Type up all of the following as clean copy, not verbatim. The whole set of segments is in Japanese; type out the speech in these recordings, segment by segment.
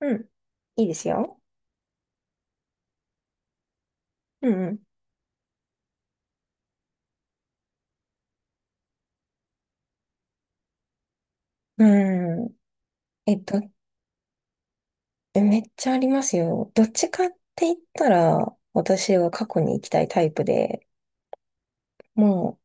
うん。いいですよ。うんうん。うん。え、とめっちゃありますよ。どっちかって言ったら、私は過去に行きたいタイプで、もう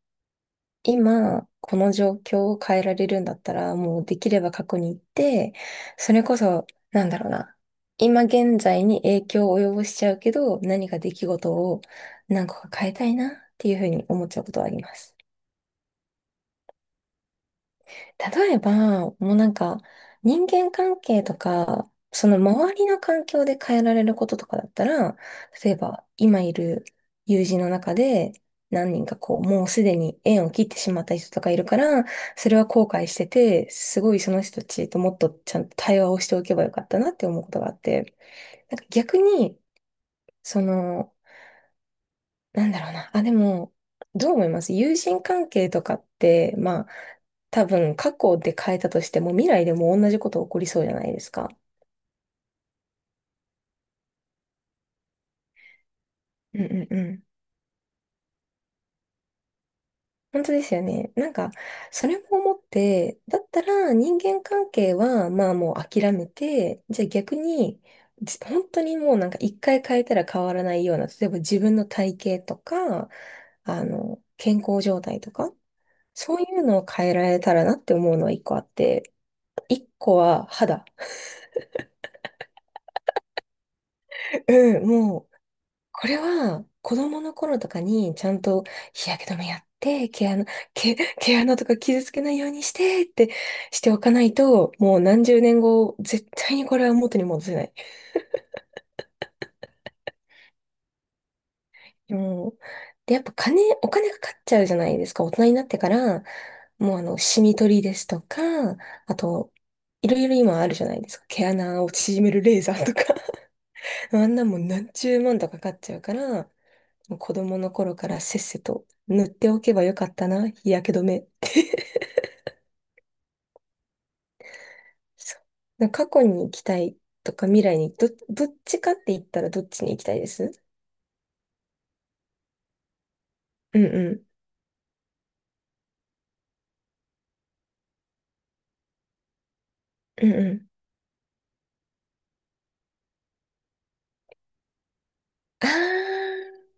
今、この状況を変えられるんだったら、もうできれば過去に行って、それこそ、なんだろうな。今現在に影響を及ぼしちゃうけど、何か出来事を何個か変えたいなっていうふうに思っちゃうことはあります。例えば、もうなんか、人間関係とか、その周りの環境で変えられることとかだったら、例えば、今いる友人の中で、何人かこう、もうすでに縁を切ってしまった人とかいるから、それは後悔してて、すごいその人たちともっとちゃんと対話をしておけばよかったなって思うことがあって、なんか逆に、その、なんだろうな。あ、でも、どう思います？友人関係とかって、まあ、多分過去で変えたとしても未来でも同じこと起こりそうじゃないですか。うんうんうん。本当ですよね。なんか、それも思って、だったら人間関係は、まあもう諦めて、じゃあ逆に、本当にもうなんか一回変えたら変わらないような、例えば自分の体型とか、あの、健康状態とか、そういうのを変えられたらなって思うのは一個あって、一個は肌。うん、もう、これは子供の頃とかにちゃんと日焼け止めやって、毛穴、毛穴とか傷つけないようにしてってしておかないと、もう何十年後、絶対にこれは元に戻せない。もう、で、やっぱお金かかっちゃうじゃないですか。大人になってから、もうあの、シミ取りですとか、あと、いろいろ今あるじゃないですか。毛穴を縮めるレーザーとか。あんなもん何十万とかかかっちゃうから、子供の頃からせっせと塗っておけばよかったな、日焼け止め。そうなんか過去に行きたいとか未来にどっちかって言ったらどっちに行きたいです？うんうん。うんうん。ああ、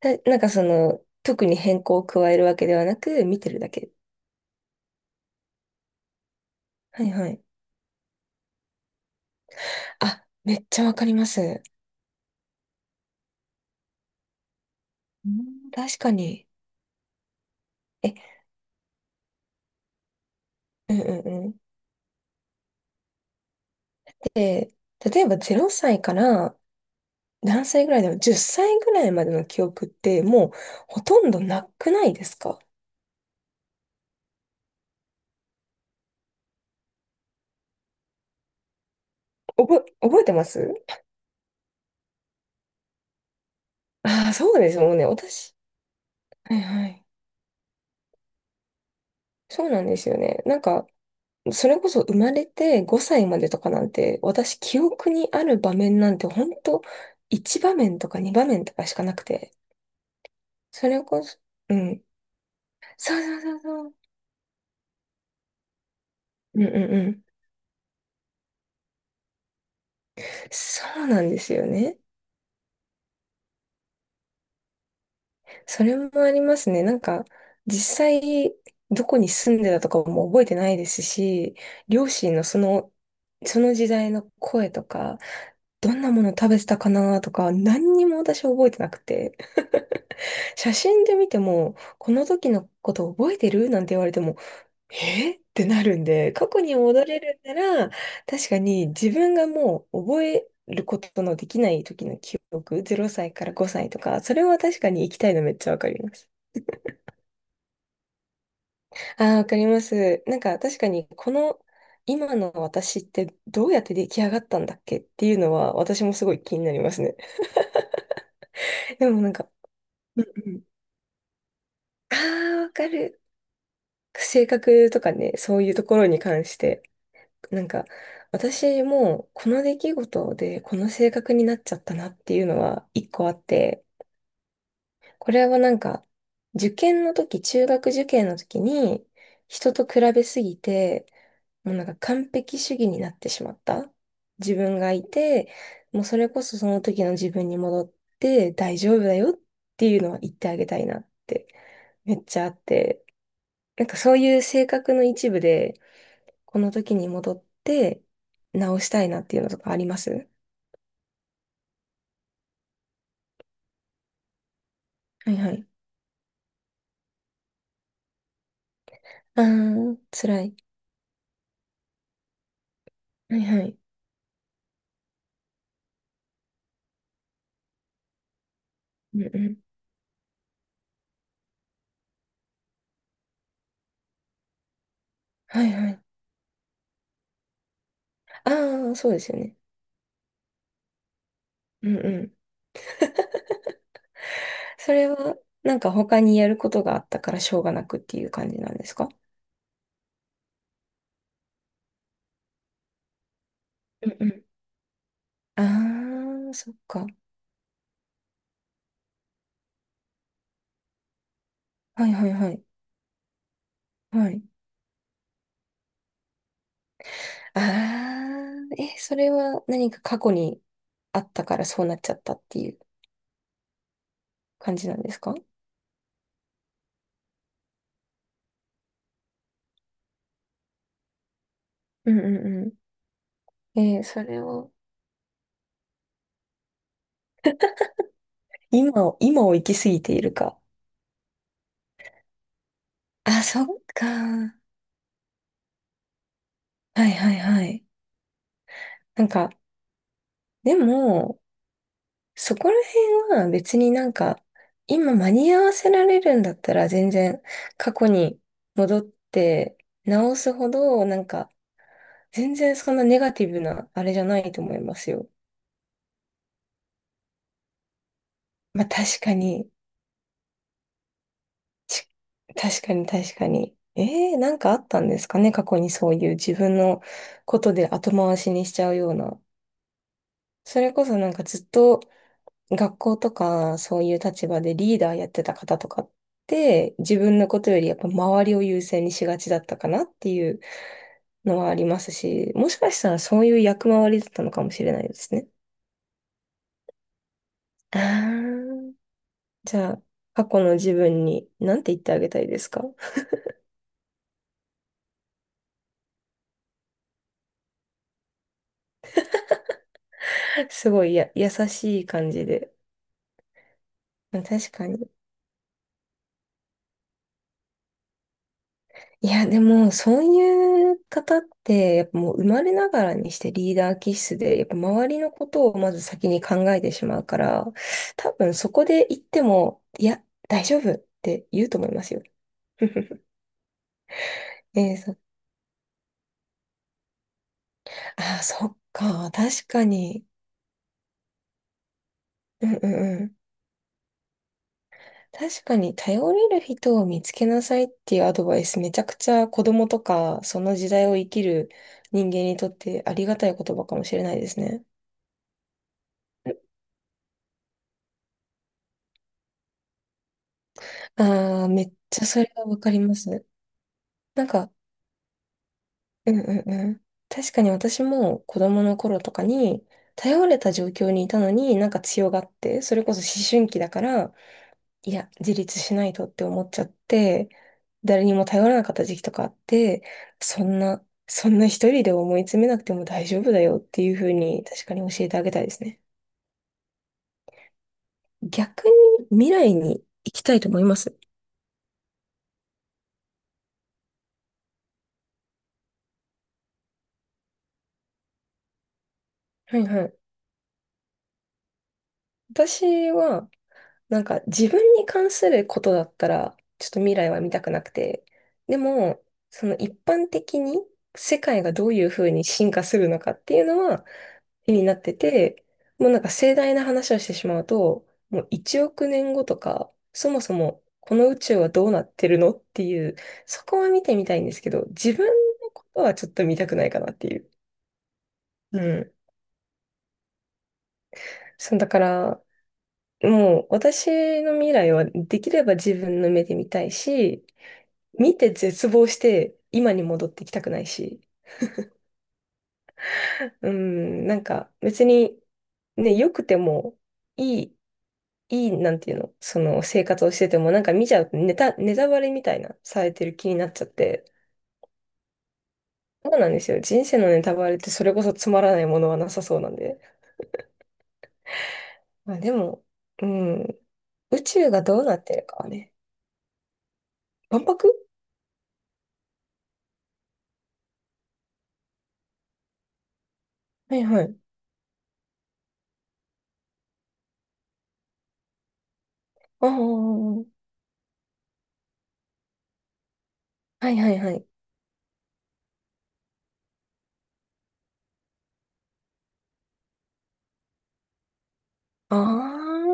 だなんかその、特に変更を加えるわけではなく、見てるだけ。はいはい。あ、めっちゃわかります。うん、確かに。え、うんうんうん。で、例えば0歳から何歳ぐらいだろう？ 10 歳ぐらいまでの記憶ってもうほとんどなくないですか？覚えてます？ああ、そうです。もうね、私。はいはい。そうなんですよね。なんか、それこそ生まれて5歳までとかなんて、私記憶にある場面なんて本当1場面とか2場面とかしかなくて。それこそ、うん。そうそうそうそう。うんうんうん。そうなんですよね。それもありますね。なんか、実際、どこに住んでたとかも覚えてないですし、両親のその、その時代の声とか、どんなもの食べてたかなとか、何にも私覚えてなくて、写真で見ても、この時のこと覚えてるなんて言われても、えってなるんで、過去に戻れるなら、確かに自分がもう覚えることのできない時の記憶、0歳から5歳とか、それは確かに行きたいのめっちゃわかります。ああ、わかります。なんか確かにこの今の私ってどうやって出来上がったんだっけっていうのは私もすごい気になりますね。でもなんか、うんうん。ああ、わかる。性格とかね、そういうところに関して、なんか私もこの出来事でこの性格になっちゃったなっていうのは一個あって、これはなんか、受験の時、中学受験の時に、人と比べすぎて、もうなんか完璧主義になってしまった自分がいて、もうそれこそその時の自分に戻って大丈夫だよっていうのは言ってあげたいなってめっちゃあって、なんかそういう性格の一部で、この時に戻って直したいなっていうのとかあります？はいはい。あー、辛い。はいはい。うんうん。はいはい。あー、そうですよね。うんうん。それは、なんか他にやることがあったからしょうがなくっていう感じなんですか？うんうん。ああ、そっか。はいはいはい。はい。ああ、え、それは何か過去にあったからそうなっちゃったっていう感じなんですか？うんうんうん。それを、今を、今を生きすぎているか。あ、そっか。はいはいはい。なんか、でも、そこら辺は別になんか、今間に合わせられるんだったら全然過去に戻って直すほど、なんか全然そんなネガティブなあれじゃないと思いますよ。まあ確かに、ち確かに確かに。なんかあったんですかね過去にそういう自分のことで後回しにしちゃうような。それこそなんかずっと学校とかそういう立場でリーダーやってた方とかって自分のことよりやっぱ周りを優先にしがちだったかなっていうのはありますし、もしかしたらそういう役回りだったのかもしれないですね。あー、じゃあ、過去の自分に何て言ってあげたいですか？ すごいや優しい感じで。確かに。いや、でも、そういう方って、やっぱもう生まれながらにしてリーダー気質で、やっぱ周りのことをまず先に考えてしまうから、多分そこで言っても、いや、大丈夫って言うと思いますよ。えー、そ、あー、そっか、確かに。うんうんうん。確かに、頼れる人を見つけなさいっていうアドバイス、めちゃくちゃ子供とか、その時代を生きる人間にとってありがたい言葉かもしれないですね。ああ、めっちゃそれはわかります。なんか、うんうんうん。確かに私も子供の頃とかに、頼れた状況にいたのになんか強がって、それこそ思春期だから、いや、自立しないとって思っちゃって、誰にも頼らなかった時期とかあって、そんな一人で思い詰めなくても大丈夫だよっていう風に確かに教えてあげたいですね。逆に未来に行きたいと思います？はいはい。私は、なんか自分に関することだったら、ちょっと未来は見たくなくて。でも、その一般的に世界がどういうふうに進化するのかっていうのは気になってて、もうなんか盛大な話をしてしまうと、もう1億年後とか、そもそもこの宇宙はどうなってるのっていう、そこは見てみたいんですけど、自分のことはちょっと見たくないかなっていう。うん。そう、だから、もう私の未来はできれば自分の目で見たいし、見て絶望して、今に戻ってきたくないし、うん、なんか別に、ね、良くても、いい、いい、なんていうの、その生活をしてても、なんか見ちゃうとネタバレみたいな、されてる気になっちゃって、そうなんですよ。人生のネタバレってそれこそつまらないものはなさそうなんで。まあでも、うん、宇宙がどうなってるかはね。万博？はいはい。ああ、はいはいはい。ああ、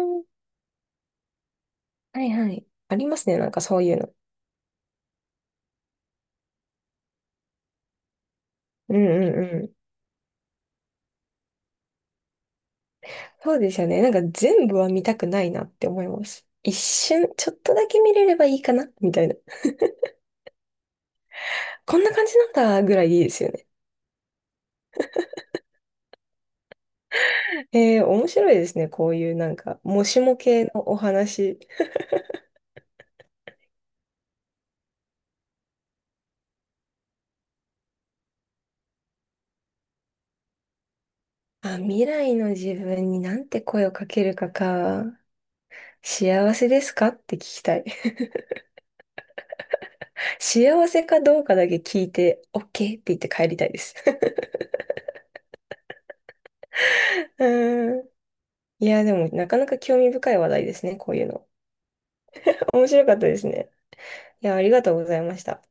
はいはい。ありますね、なんかそういうの。うんうん、そうですよね。なんか全部は見たくないなって思います。一瞬、ちょっとだけ見れればいいかなみたいな。こんな感じなんだぐらいでいいですよね。面白いですね。こういうなんか、もしも系のお話。あ、未来の自分になんて声をかけるかか。幸せですかって聞きたい。幸せかどうかだけ聞いて、OK って言って帰りたいです。うーん。いや、でもなかなか興味深い話題ですね。こういうの。面白かったですね。いや、ありがとうございました。